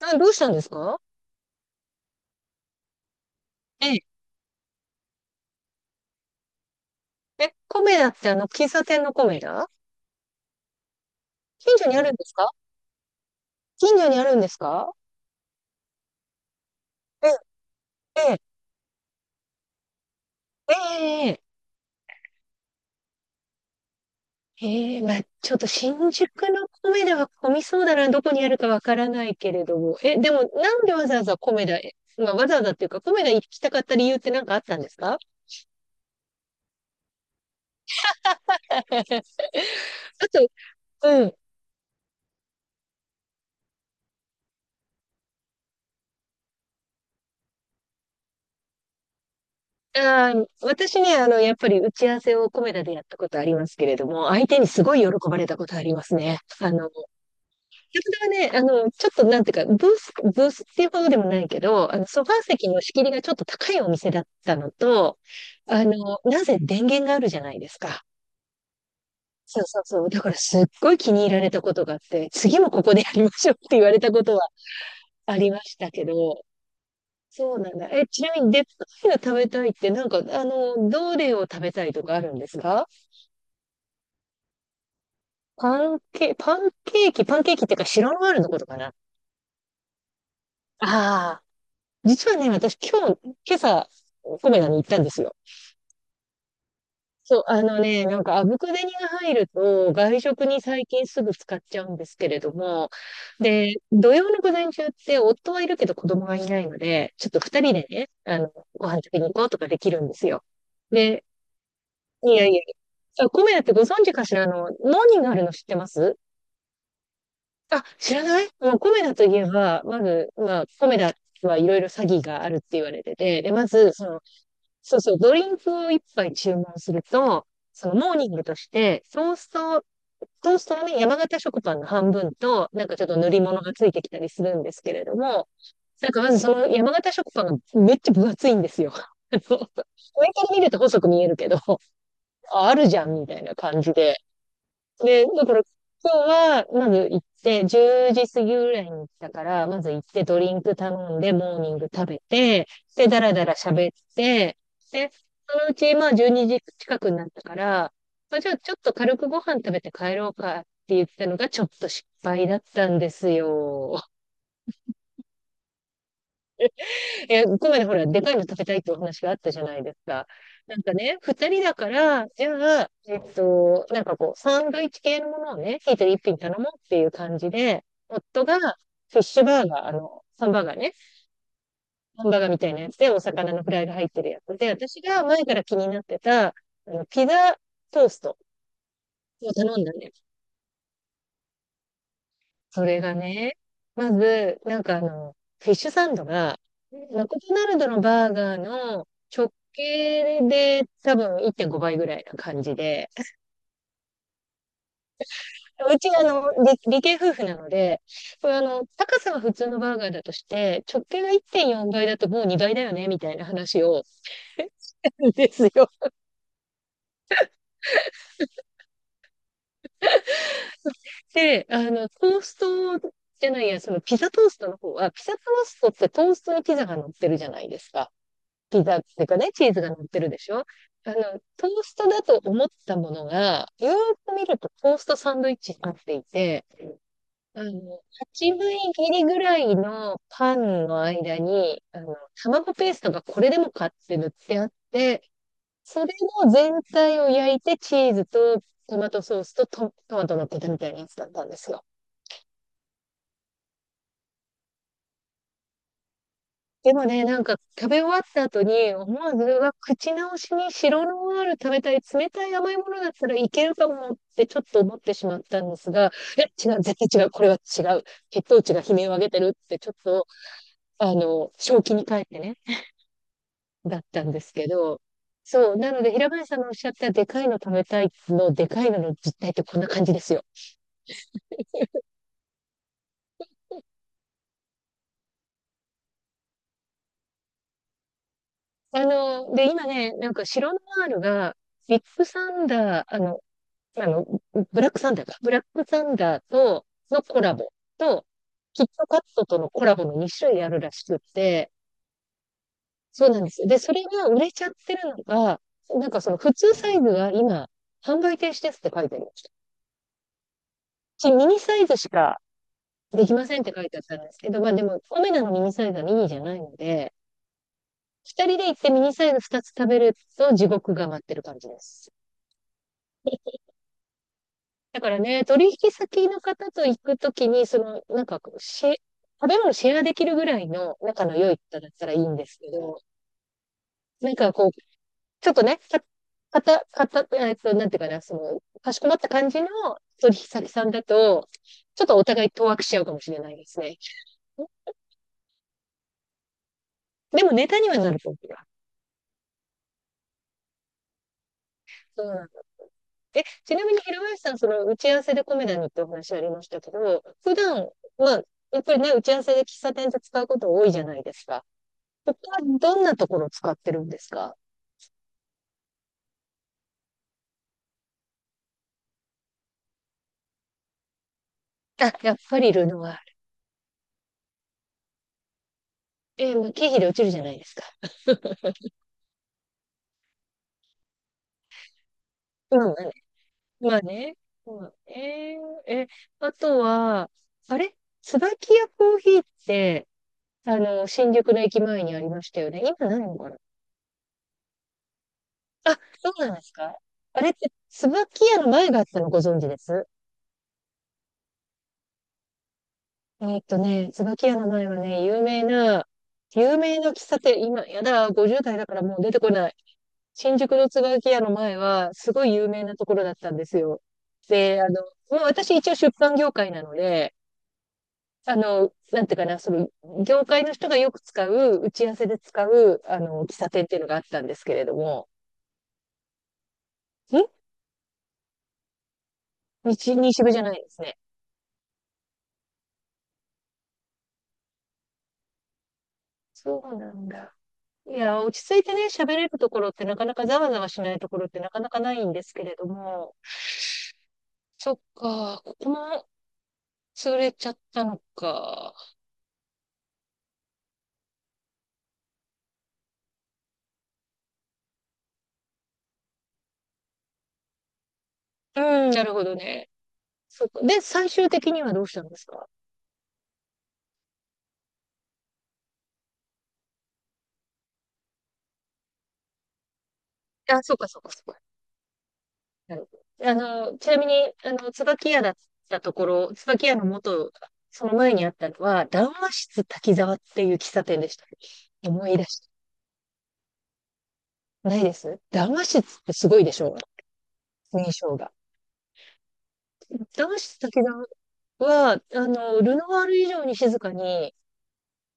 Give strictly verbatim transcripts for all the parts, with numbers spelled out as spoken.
あ、どうしたんですか？ええ、え、コメダってあの、喫茶店のコメダ？近所にあるんですか？近所にあるんですか？ええ、ええ、ええ、ええ、まあ、ちょっと新宿のコメダは混みそうだな、どこにあるかわからないけれども。え、でも、なんでわざわざコメダへ、まあ、わざわざっていうか、コメダ行きたかった理由って何かあったんですか？ あと、うん。あー、私ね、あの、やっぱり打ち合わせをコメダでやったことありますけれども、相手にすごい喜ばれたことありますね。あの、はね、あの、ちょっとなんていうか、ブース、ブースっていうほどでもないけど、あの、ソファー席の仕切りがちょっと高いお店だったのと、あの、なぜ電源があるじゃないですか。そうそうそう。だからすっごい気に入られたことがあって、次もここでやりましょうって言われたことはありましたけど、そうなんだ。え、ちなみに、でっかいの食べたいって、なんか、あの、どれを食べたいとかあるんですか？パンケ、パンケーキ、パンケーキっていうか、白ノワールのことかな。ああ。実はね、私今日、今朝、コメダに行ったんですよ。そう、あのね、なんか、あぶく銭が入ると、外食に最近すぐ使っちゃうんですけれども、で、土曜の午前中って、夫はいるけど子供がいないので、ちょっと二人でね、あの、ご飯食べに行こうとかできるんですよ。で、いやいや、あ、コメダってご存知かしら、あの、何があるの知ってます？あ、知らない？もうコメダといえば、まず、まあ、コメダはいろいろ詐欺があるって言われてて、で、まず、その、そうそう、ドリンクを一杯注文すると、そのモーニングとして、トースト、トーストのね、山形食パンの半分と、なんかちょっと塗り物がついてきたりするんですけれども、なんかまずその山形食パンがめっちゃ分厚いんですよ。あの上から見ると細く見えるけど、ああるじゃんみたいな感じで。で、だから今日は、まず行って、じゅうじ過ぎぐらいに来たから、まず行ってドリンク頼んで、モーニング食べて、で、だらだら喋って、で、そのうち、まあ、じゅうにじ近くになったから、まあ、じゃあちょっと軽くご飯食べて帰ろうかって言ったのが、ちょっと失敗だったんですよ。え、ここまでほら、でかいの食べたいってお話があったじゃないですか。なんかね、二人だから、じゃあ、えっと、なんかこう、サンドイッチ系のものをね、一人一品頼もうっていう感じで、夫がフィッシュバーガー、あの、サンバーガーね、ハンバーガーみたいなやつで、お魚のフライが入ってるやつで、私が前から気になってた、あの、ピザトーストを頼んだんだよね。それがね、まず、なんかあの、フィッシュサンドが、マクドナルドのバーガーの直径で多分いってんごばいぐらいな感じで、うちあの、理、理系夫婦なので、これあの、高さは普通のバーガーだとして、直径がいってんよんばいだともうにばいだよね、みたいな話を、ですよ。で、あの、トーストじゃないや、そのピザトーストの方は、ピザトーストってトーストにピザが乗ってるじゃないですか。ピザっていうかね、チーズが乗ってるでしょ？あの、トーストだと思ったものが、よーく見るとトーストサンドイッチになっていて、あの、はちぶ切りぐらいのパンの間に、あの、卵ペーストがこれでもかって塗ってあって、それの全体を焼いてチーズとトマトソースとト、トマト乗ってたみたいなやつだったんですよ。でもね、なんか食べ終わった後に思わず、うわ、口直しに白ノワール食べたい、冷たい甘いものだったらいけるかもってちょっと思ってしまったんですが、いや、違う、絶対違う、これは違う。血糖値が悲鳴を上げてるってちょっと、あの、正気に帰ってね、だったんですけど、そう、なので平林さんのおっしゃったでかいの食べたいの、でかいのの実態ってこんな感じですよ。あの、で、今ね、なんか白ノワールが、ビッグサンダー、あの、あの、ブラックサンダーか。ブラックサンダーとのコラボと、キットカットとのコラボのに種類あるらしくって、そうなんですよ。で、それが売れちゃってるのが、なんかその普通サイズが今、販売停止ですって書いてありました。うちミニサイズしかできませんって書いてあったんですけど、まあでも、オメダのミニサイズはミニじゃないので、二人で行ってミニサイズ二つ食べると地獄が待ってる感じです。だからね、取引先の方と行くときに、その、なんかこう、し、食べ物シェアできるぐらいの仲の良い方だったらいいんですけど、なんかこう、ちょっとね、か、かた、かた、えっと、なんていうかな、その、かしこまった感じの取引先さんだと、ちょっとお互い当惑しちゃうかもしれないですね。でもネタにはなると思う。そうなんだ。え、ちなみに、平林さん、その、打ち合わせでコメダにってお話ありましたけど、普段、まあ、やっぱりね、打ち合わせで喫茶店で使うこと多いじゃないですか。他どんなところを使ってるんですか？あ、やっぱりルノワール。えーまあ、経費で落ちるじゃないですか。うん、まあね。まあね。うんえーえ、あとは、あれ椿屋コーヒーって、あの、新宿の駅前にありましたよね。今ないのかな？あ、そうなんですか？あれって、椿屋の前があったのご存知です？えーっとね、椿屋の前はね、有名な、有名な喫茶店、今、やだ、ごじゅう代だからもう出てこない。新宿の椿屋の前は、すごい有名なところだったんですよ。で、あの、まあ、私一応出版業界なので、あの、なんていうかな、その、業界の人がよく使う、打ち合わせで使う、あの、喫茶店っていうのがあったんですけれども、ん、日、西部じゃないですね。そうなんだ。いや、落ち着いてね、喋れるところってなかなか、ざわざわしないところってなかなかないんですけれども、そっか、ここも潰れちゃったのか。うん。なるほどね。そうか。で、最終的にはどうしたんですか？あ、そうか、そうか、そうか。なるほど。あの、ちなみに、あの、椿屋だったところ、椿屋の元、その前にあったのは、談話室滝沢っていう喫茶店でした。思い出した。ないです、談話室ってすごいでしょう印象が。談話室滝沢は、あの、ルノワール以上に静かに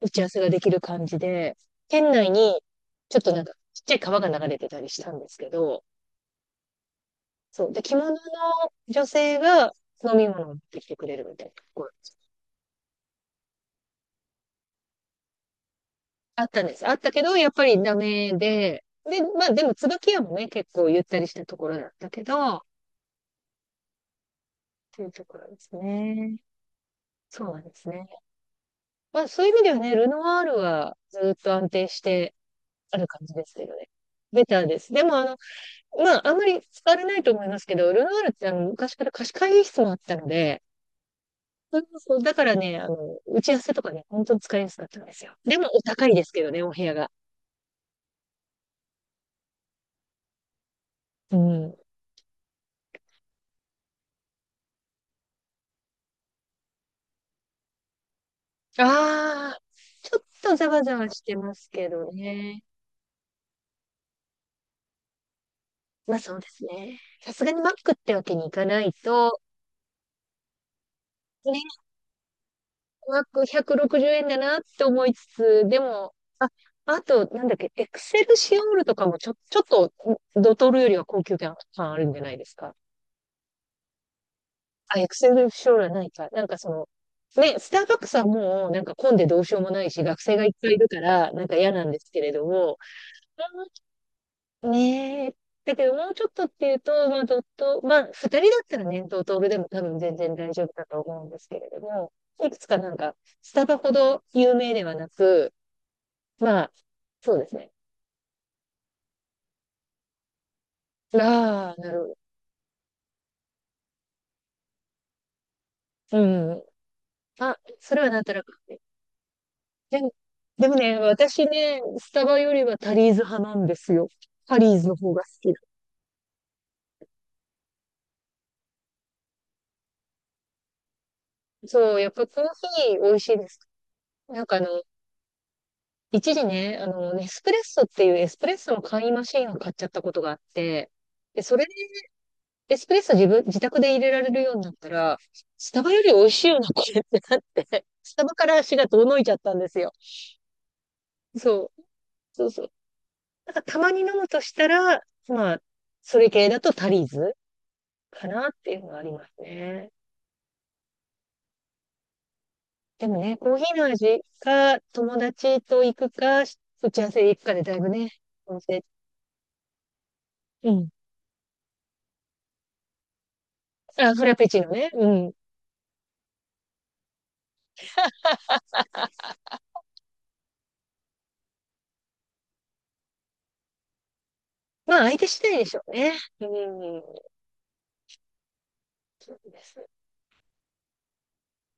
打ち合わせができる感じで、店内に、ちょっとなんか、ちっちゃい川が流れてたりしたんですけど、そう。で、着物の女性が飲み物を持ってきてくれるみたいなところあったんです。あったけど、やっぱりダメで、で、まあでも椿屋もね、結構ゆったりしたところだったけど、っていうところですね。そうなんですね。まあそういう意味ではね、ルノワールはずっと安定してある感じですけどね。ベターです。でもあの、まああんまり使われないと思いますけど、ルノワールってあの昔から貸し会議室もあったので、そうそう、だからね、あの、打ち合わせとかね、本当に使いやすかったんですよ。でもお高いですけどね、お部屋が。うん。ああ、ちょっとざわざわしてますけどね。まあそうですね。さすがにマックってわけにいかないと、ね、マックひゃくろくじゅうえんだなって思いつつ、でも、あ、あと、なんだっけ、エクセルシオールとかもちょ、ちょっと、ドトールよりは高級感あるんじゃないですか。あ、エクセル将来ないか。なんかその、ね、スターバックスはもう、なんか混んでどうしようもないし、学生がいっぱいいるから、なんか嫌なんですけれども、ねえ、だけどもうちょっとっていうと、まあ、ドット、まあ、二人だったらね、ドトールでも多分全然大丈夫だと思うんですけれども、いくつかなんか、スタバほど有名ではなく、まあ、そうですね。ああ、なるほど。うん。あ、それはなんとなく。でも、でもね、私ね、スタバよりはタリーズ派なんですよ。タリーズの方が好きだ。そう、やっぱコーヒー美味しいです。なんかあの、一時ね、あの、ネスプレッソっていうエスプレッソの簡易マシンを買っちゃったことがあって、で、それでエスプレッソ自分、自宅で入れられるようになったら、スタバより美味しいよな、これってなって、スタバから足が遠のいちゃったんですよ。そう、そうそう。なんかたまに飲むとしたら、まあ、それ系だとタリーズかなっていうのがありますね。でもね、コーヒーの味か、友達と行くか、打ち合わせで行くかでだいぶね、お店、うん。あ、フラペチーノね。うん。まあ、相手次第でしょうね。うん。そうですね。